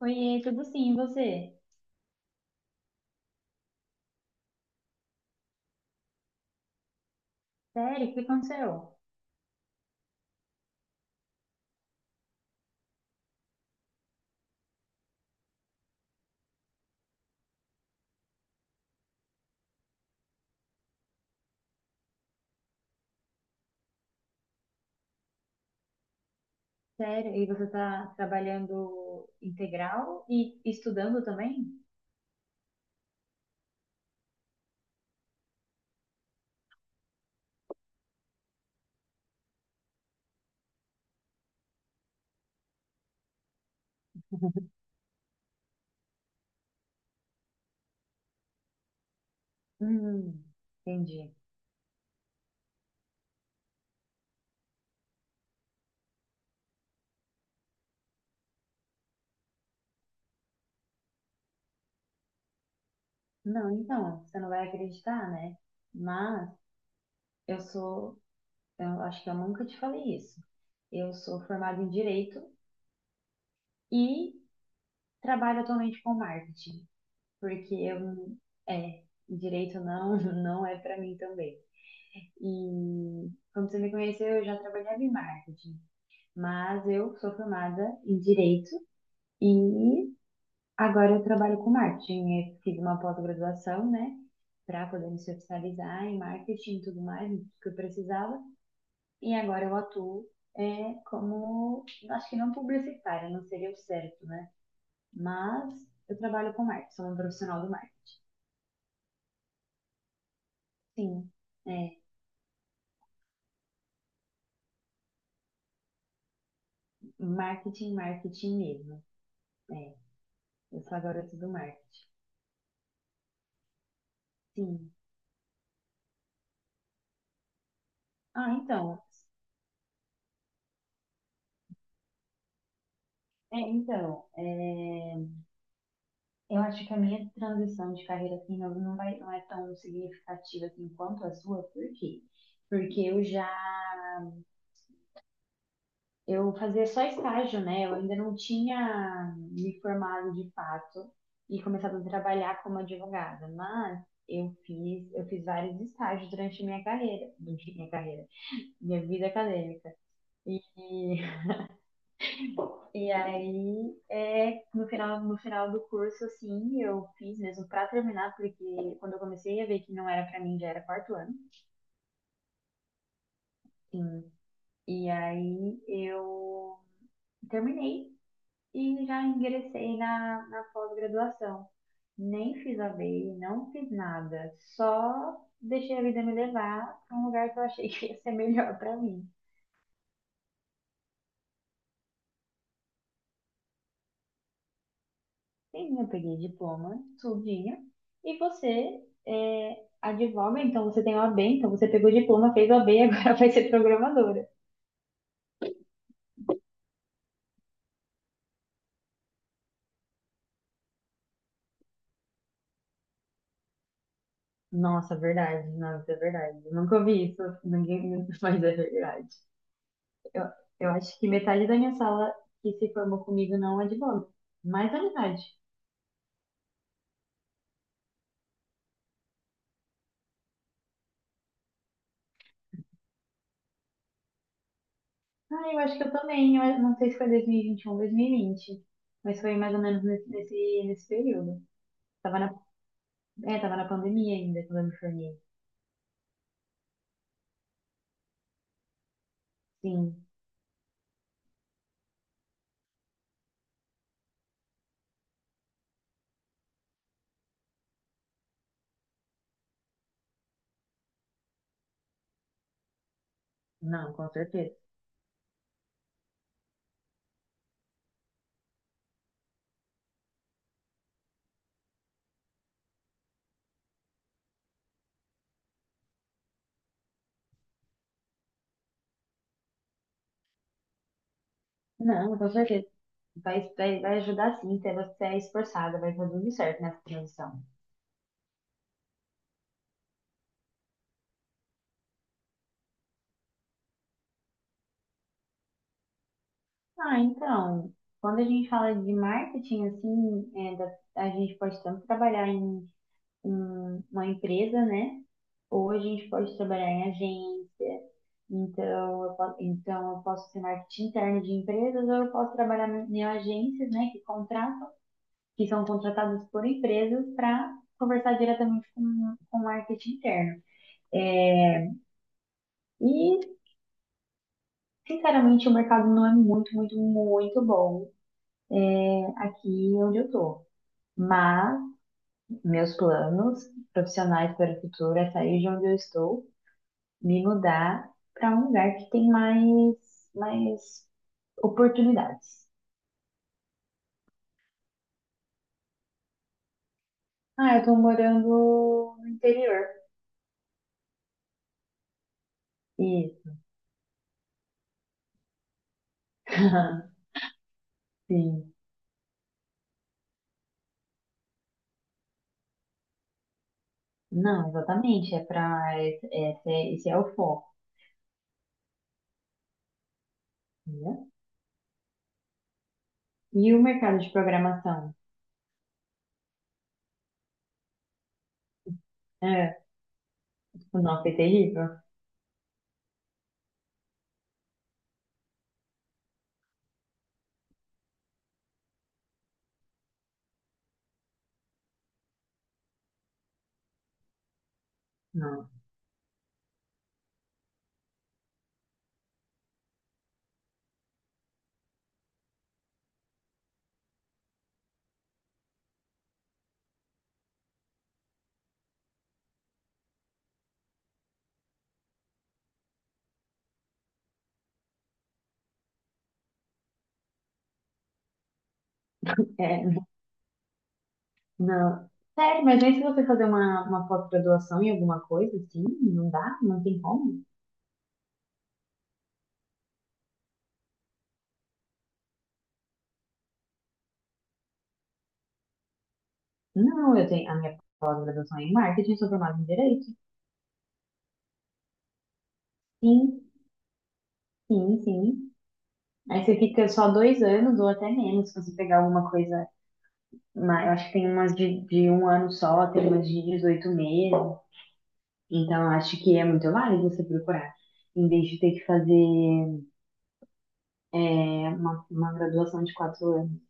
Oiê, tudo sim, e você? Sério, o que aconteceu? Sério, e você está trabalhando integral e estudando também? Hum, entendi. Não, então, você não vai acreditar, né? Mas eu sou, eu acho que eu nunca te falei isso. Eu sou formada em Direito e trabalho atualmente com marketing, porque eu, Direito não, não é para mim também. E quando você me conheceu, eu já trabalhava em marketing. Mas eu sou formada em Direito e agora eu trabalho com marketing. Eu fiz uma pós-graduação, né, para poder me especializar em marketing e tudo mais, que eu precisava. E agora eu atuo como, acho que não publicitária, não seria o certo, né? Mas eu trabalho com marketing, sou uma profissional do marketing. Sim, é, Marketing, marketing mesmo. É, eu sou a garota do marketing. Sim. Ah, então, é, então, é, Eu acho que a minha transição de carreira não vai, não é tão significativa assim quanto a sua, por quê? Porque eu fazia só estágio, né? Eu ainda não tinha me formado de fato e começado a trabalhar como advogada, mas eu fiz vários estágios durante a minha carreira, durante a minha carreira, minha vida acadêmica. E, e aí é no final do curso assim, eu fiz mesmo para terminar, porque quando eu comecei a ver que não era para mim já era quarto ano. Sim. E aí eu terminei e já ingressei na pós-graduação. Nem fiz a ABI, não fiz nada. Só deixei a vida me levar para um lugar que eu achei que ia ser melhor para mim. Sim, eu peguei diploma, tudinho. E você é, advoga, então você tem o A B então você pegou diploma, fez o a OAB, agora vai ser programadora. Nossa, verdade, nossa, é verdade. Eu nunca ouvi isso, ninguém, mas é verdade. Eu, eu acho que metade da minha sala que se formou comigo não é de advoga. Mais da metade. Ah, eu acho que eu também. Eu não sei se foi 2021, 2020. Mas foi mais ou menos nesse período. Tava na, tava na pandemia ainda quando eu me formei. Sim. Não, com certeza. Não, com certeza. Vai ajudar sim, se você é esforçada, vai fazer tudo certo nessa transição. Ah, então, quando a gente fala de marketing, assim, a gente pode tanto trabalhar em uma empresa, né? Ou a gente pode trabalhar em agência. Então eu posso ser marketing interno de empresas ou eu posso trabalhar em agências, né, que contratam, que são contratadas por empresas para conversar diretamente com o marketing interno. É, E, sinceramente, o mercado não é muito bom, né, aqui onde eu tô. Mas meus planos profissionais para o futuro é sair de onde eu estou, me mudar para um lugar que tem mais oportunidades. Ah, eu tô morando no interior. E sim. Não, exatamente. É é esse é o foco, entendeu? E o mercado de programação? É, o nosso é terrível? Não. É, não. Sério, mas nem se você fazer uma pós-graduação em alguma coisa, assim, não dá, não tem como. Não, eu tenho a minha pós-graduação é em marketing, sou formada em direito. Sim. Sim, sim. Aí você fica só dois anos ou até menos, se você pegar alguma coisa. Eu acho que tem umas de um ano só, tem umas de 18 meses. Então, eu acho que é muito válido você procurar, em vez de ter que fazer é, uma graduação de 4 anos.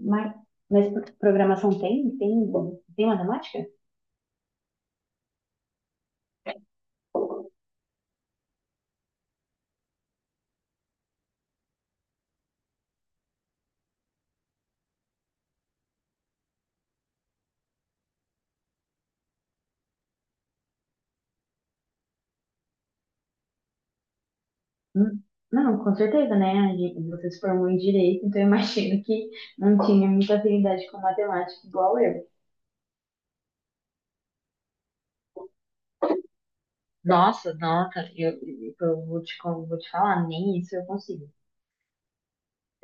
Mas, mas programação tem? Tem matemática? Hum, Não, com certeza, né? A gente- Você se formou em direito, então eu imagino que não tinha muita afinidade com matemática igual eu. Nossa, nossa, eu, eu vou vou te falar, nem isso eu consigo.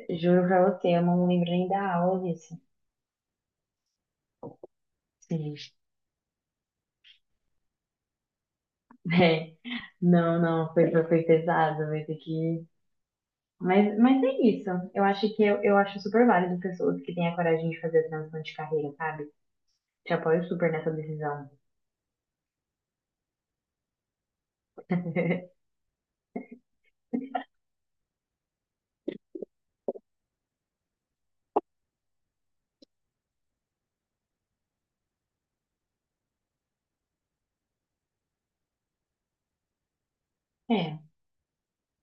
Juro pra você, eu não lembro nem da aula disso. Sim. É, não, foi pesado, vai ter que. Mas é isso. Eu acho super válido pessoas que têm a coragem de fazer a transição de carreira, sabe? Te apoio super nessa decisão. É.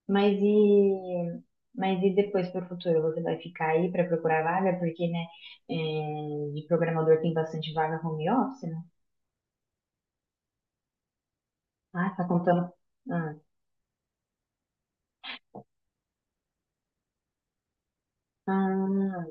Mas e, mas e depois para o futuro? Você vai ficar aí para procurar vaga? Porque, de programador tem bastante vaga home office, né? Ah, tá contando. Ah, ah,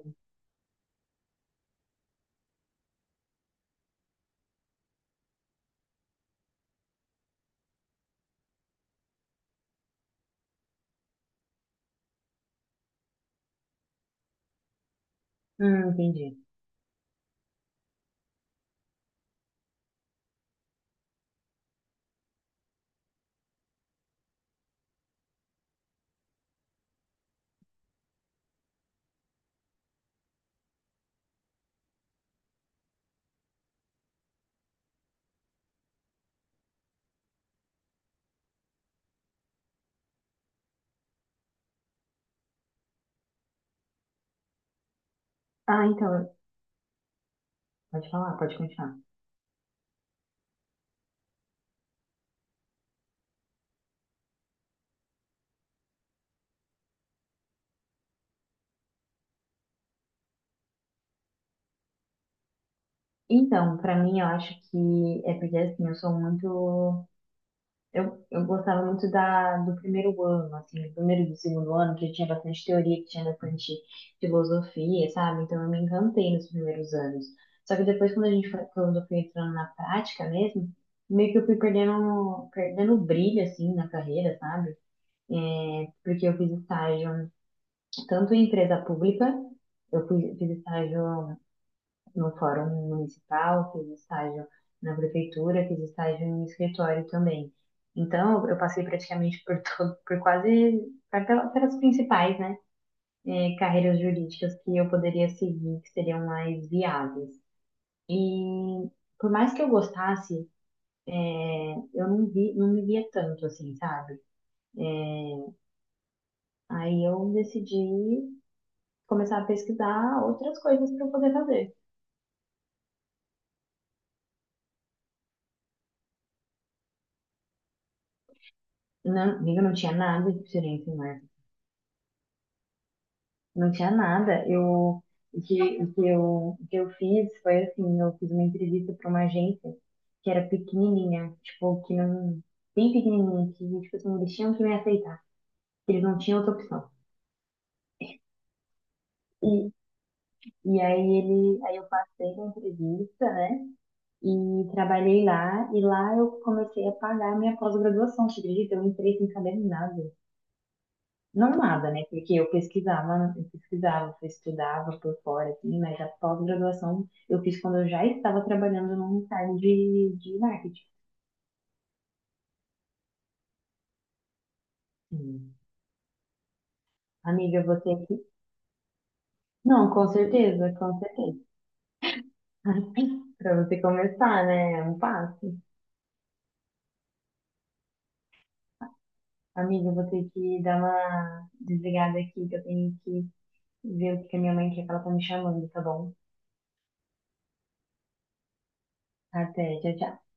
entendi. Ah, então, pode falar, pode continuar. Então, para mim, eu acho que é porque assim, eu gostava muito do primeiro ano, assim, do primeiro e do segundo ano, que tinha bastante teoria, que tinha bastante filosofia, sabe? Então eu me encantei nos primeiros anos. Só que depois, quando a gente foi, quando eu fui entrando na prática mesmo, meio que eu fui perdendo o brilho, assim, na carreira, sabe? Porque eu fiz estágio tanto em empresa pública, fiz estágio no fórum municipal, fiz estágio na prefeitura, fiz estágio em escritório também. Então, eu passei praticamente por todo, por quase, pelas principais, né, carreiras jurídicas que eu poderia seguir, que seriam mais viáveis. E por mais que eu gostasse, eh, eu não vi, não me via tanto assim, sabe? Aí eu decidi começar a pesquisar outras coisas para eu poder fazer. Não, eu não tinha nada de diferente em. Não tinha nada. Eu, o que, o que eu, o que eu fiz foi assim, eu fiz uma entrevista para uma agência que era pequenininha, tipo, que não, bem pequenininha, que tipo assim, eles tinham que me aceitar, que eles não tinham outra opção. E, aí eu passei na entrevista, né? E trabalhei lá, e lá eu comecei a pagar a minha pós-graduação, você acredita? Eu entrei sem saber nada. Não nada, né? Porque eu pesquisava, eu estudava por fora, assim, mas a pós-graduação eu fiz quando eu já estava trabalhando num estágio de marketing. Hum. Amiga, você aqui. Não, com certeza. Para você começar, né? É um passo. Amiga, eu vou ter que dar uma desligada aqui, que eu tenho que ver o que que a minha mãe quer que ela tá me chamando, tá bom? Até, tchau, tchau.